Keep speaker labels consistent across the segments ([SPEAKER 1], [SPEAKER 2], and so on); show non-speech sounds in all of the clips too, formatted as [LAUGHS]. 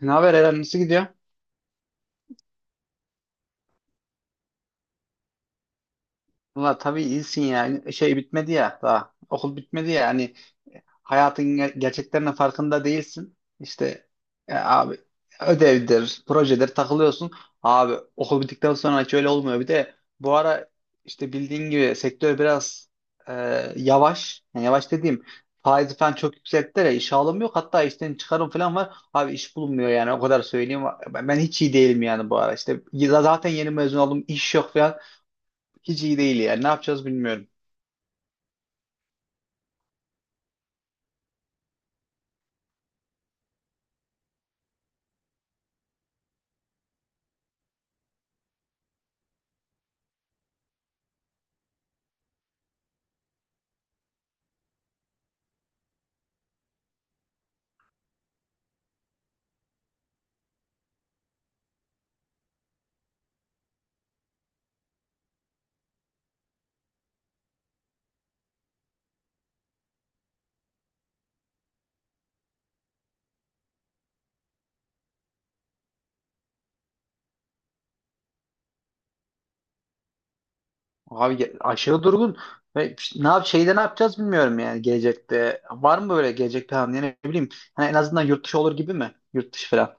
[SPEAKER 1] Ne haber Eren nasıl gidiyor? Valla tabii iyisin ya. Şey bitmedi ya daha. Okul bitmedi ya. Hani hayatın gerçeklerinin farkında değilsin. İşte abi ödevdir, projedir takılıyorsun. Abi okul bittikten sonra hiç öyle olmuyor. Bir de bu ara işte bildiğin gibi sektör biraz e, yavaş. Yani yavaş dediğim faiz falan çok yüksekte ya. İş alım yok. Hatta işten çıkarım falan var. Abi iş bulunmuyor yani o kadar söyleyeyim. Ben hiç iyi değilim yani bu ara. İşte zaten yeni mezun oldum. İş yok falan. Hiç iyi değil yani. Ne yapacağız bilmiyorum. Abi aşırı durgun. Ve işte ne yap şeyde ne yapacağız bilmiyorum yani gelecekte. Var mı böyle gelecek planı yani ne bileyim. Hani en azından yurt dışı olur gibi mi? Yurt dışı falan.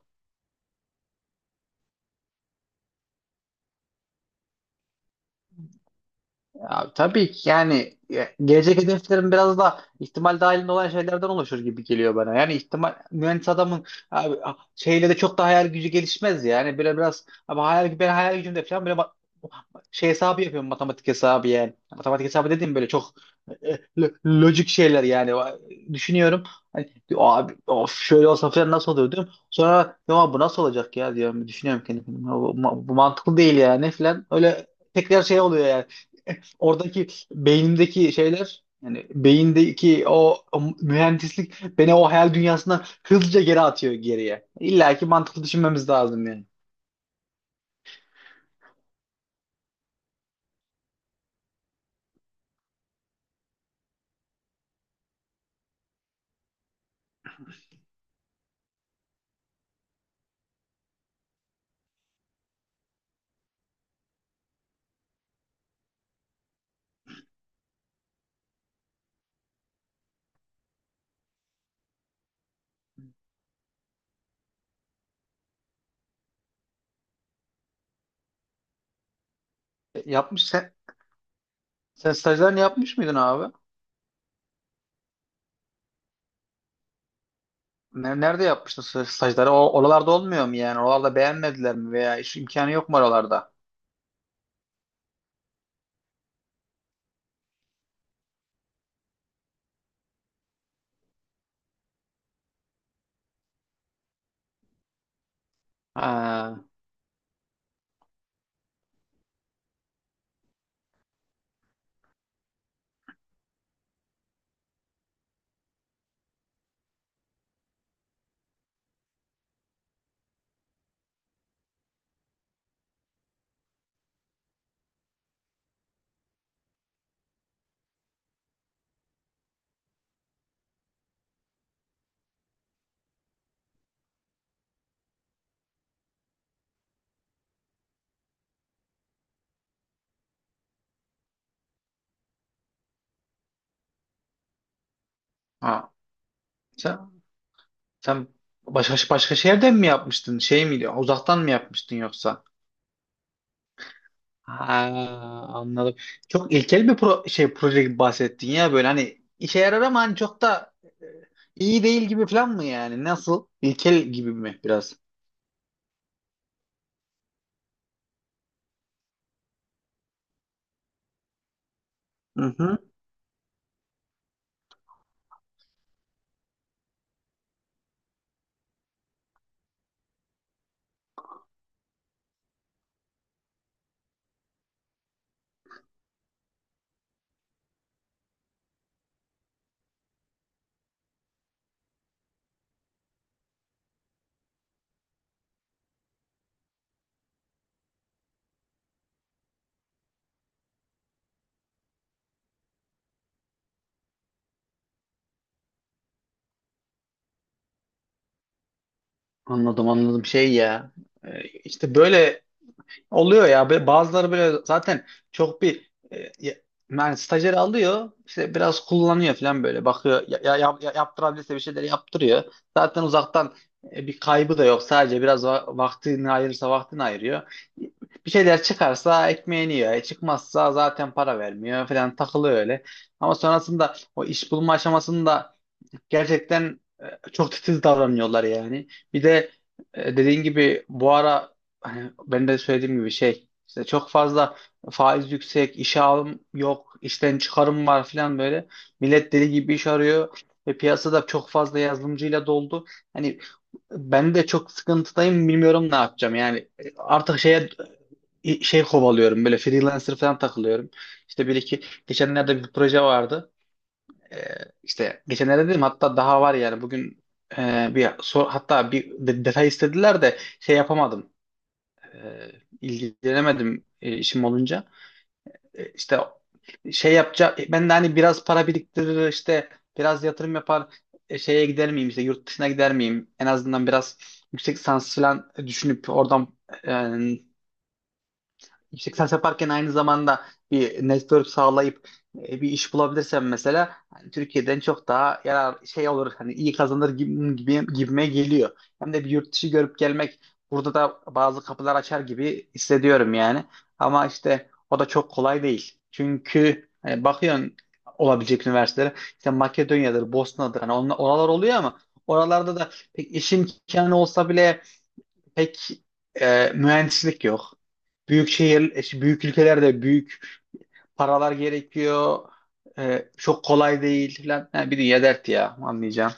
[SPEAKER 1] Abi, tabii ki yani gelecek hedeflerim biraz da ihtimal dahilinde olan şeylerden oluşur gibi geliyor bana. Yani ihtimal mühendis adamın abi, şeyle de çok da hayal gücü gelişmez yani. Böyle biraz ama hayal, ben hayal gücümde falan böyle şey hesabı yapıyorum matematik hesabı yani. Matematik hesabı dediğim böyle çok e, e, lo- lojik şeyler yani. Düşünüyorum. Hani, diyor, abi of şöyle olsa falan nasıl olur diyorum. Sonra ya bu nasıl olacak ya diyorum. Düşünüyorum kendi kendime. Bu mantıklı değil yani falan. Öyle tekrar şey oluyor yani. [LAUGHS] Oradaki beynimdeki şeyler yani beyindeki o mühendislik beni o hayal dünyasından hızlıca geri atıyor geriye. İlla ki mantıklı düşünmemiz lazım yani. E, Yapmış sen, sen stajlarını yapmış mıydın abi? Nerede yapmıştın stajları? Oralarda olmuyor mu yani? Oralarda beğenmediler mi veya iş imkanı yok mu oralarda? Ha, ha. Sen, sen başka şehirden mi yapmıştın? Şey miydi? Uzaktan mı yapmıştın yoksa? Ha, anladım. Çok ilkel bir şey proje gibi bahsettin ya böyle hani işe yarar ama hani çok da e, iyi değil gibi falan mı yani? Nasıl? İlkel gibi mi biraz? Hı hı. Anladım anladım şey ya. E, işte böyle oluyor ya bazıları böyle zaten çok bir yani stajyer alıyor işte biraz kullanıyor falan böyle bakıyor yaptırabilirse bir şeyler yaptırıyor. Zaten uzaktan bir kaybı da yok sadece biraz vaktini ayırırsa vaktini ayırıyor. Bir şeyler çıkarsa ekmeğini yiyor. Çıkmazsa zaten para vermiyor falan takılıyor öyle. Ama sonrasında o iş bulma aşamasında gerçekten çok titiz davranıyorlar yani. Bir de dediğin gibi bu ara hani ben de söylediğim gibi şey işte çok fazla faiz yüksek, işe alım yok, işten çıkarım var falan böyle. Millet deli gibi iş arıyor ve piyasada çok fazla yazılımcıyla doldu. Hani ben de çok sıkıntıdayım bilmiyorum ne yapacağım. Yani artık şey kovalıyorum böyle freelancer falan takılıyorum. İşte bir iki geçenlerde bir proje vardı. Ee, işte geçenlerde dedim hatta daha var yani bugün hatta bir detay istediler de şey yapamadım. Ee, ilgilenemedim işim olunca. İşte şey yapacak ben de hani biraz para biriktirir işte biraz yatırım yapar şeye gider miyim işte yurt dışına gider miyim en azından biraz yüksek lisans falan düşünüp oradan e, yüksek lisans yaparken aynı zamanda bir network sağlayıp bir iş bulabilirsem mesela hani Türkiye'den çok daha yarar şey olur hani iyi kazanır gibi gibime geliyor. Hem de bir yurt dışı görüp gelmek burada da bazı kapılar açar gibi hissediyorum yani. Ama işte o da çok kolay değil. Çünkü hani bakıyorsun olabilecek üniversitelere işte Makedonya'dır, Bosna'dır hani oralar oluyor ama oralarda da pek iş imkanı olsa bile pek mühendislik yok. Büyük şehir, büyük ülkelerde büyük paralar gerekiyor. Çok kolay değil falan. Ha, bir dünya dert ya anlayacağım.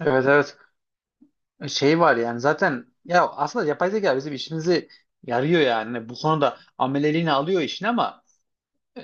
[SPEAKER 1] Evet evet. Şey var yani zaten ya aslında yapay zeka bizim işimizi yarıyor yani. Bu konuda ameleliğini alıyor işin ama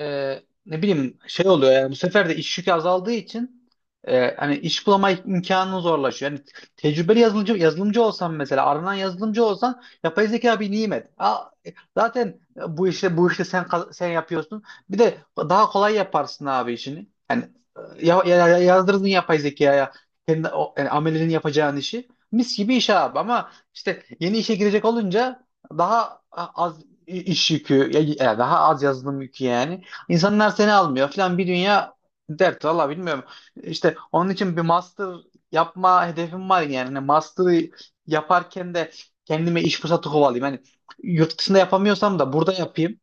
[SPEAKER 1] ne bileyim şey oluyor yani bu sefer de iş yükü azaldığı için hani iş bulama imkanın zorlaşıyor. Yani tecrübeli yazılımcı olsan mesela aranan yazılımcı olsan yapay zeka bir nimet. Aa, zaten bu işte sen yapıyorsun. Bir de daha kolay yaparsın abi işini. Yani yazdırdın yapay zekaya kendi o, yani amelinin yapacağın işi. Mis gibi iş abi ama işte yeni işe girecek olunca daha az iş yükü, ya daha az yazılım yükü yani. İnsanlar seni almıyor falan bir dünya dert. Valla bilmiyorum. İşte onun için bir master yapma hedefim var yani. Hani master'ı yaparken de kendime iş fırsatı kovalayayım. Hani yurt dışında yapamıyorsam da burada yapayım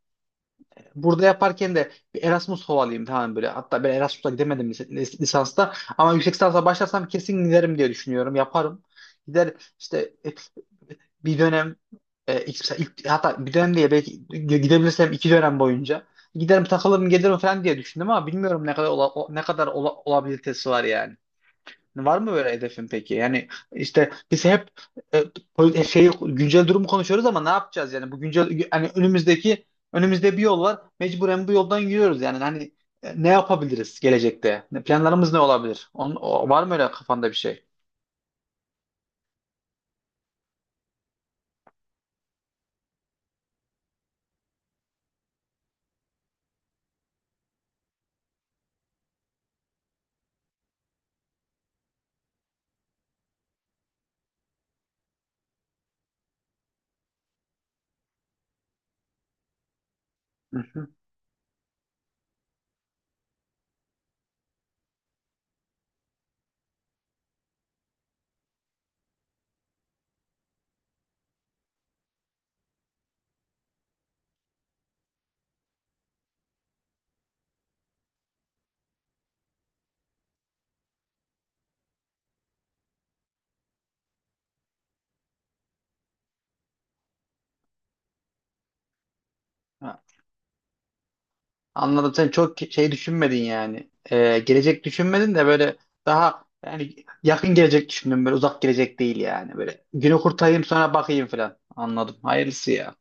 [SPEAKER 1] burada yaparken de bir Erasmus havalıyım tamam böyle. Hatta ben Erasmus'a gidemedim lisansta. Ama yüksek lisansa başlarsam kesin giderim diye düşünüyorum. Yaparım. Gider işte bir dönem hatta bir dönem diye belki gidebilirsem iki dönem boyunca giderim takılırım gelirim falan diye düşündüm ama bilmiyorum ne kadar olabilitesi var yani. Var mı böyle hedefin peki? Yani işte biz hep e, şey güncel durumu konuşuyoruz ama ne yapacağız yani bu güncel hani önümüzde bir yol var. Mecburen bu yoldan yürüyoruz yani hani ne yapabiliriz gelecekte? Planlarımız ne olabilir? Var mı öyle kafanda bir şey? Hı hı. Ha, anladım sen çok şey düşünmedin yani. Gelecek düşünmedin de böyle daha yani yakın gelecek düşündün böyle uzak gelecek değil yani böyle günü kurtarayım sonra bakayım falan. Anladım. Hayırlısı ya.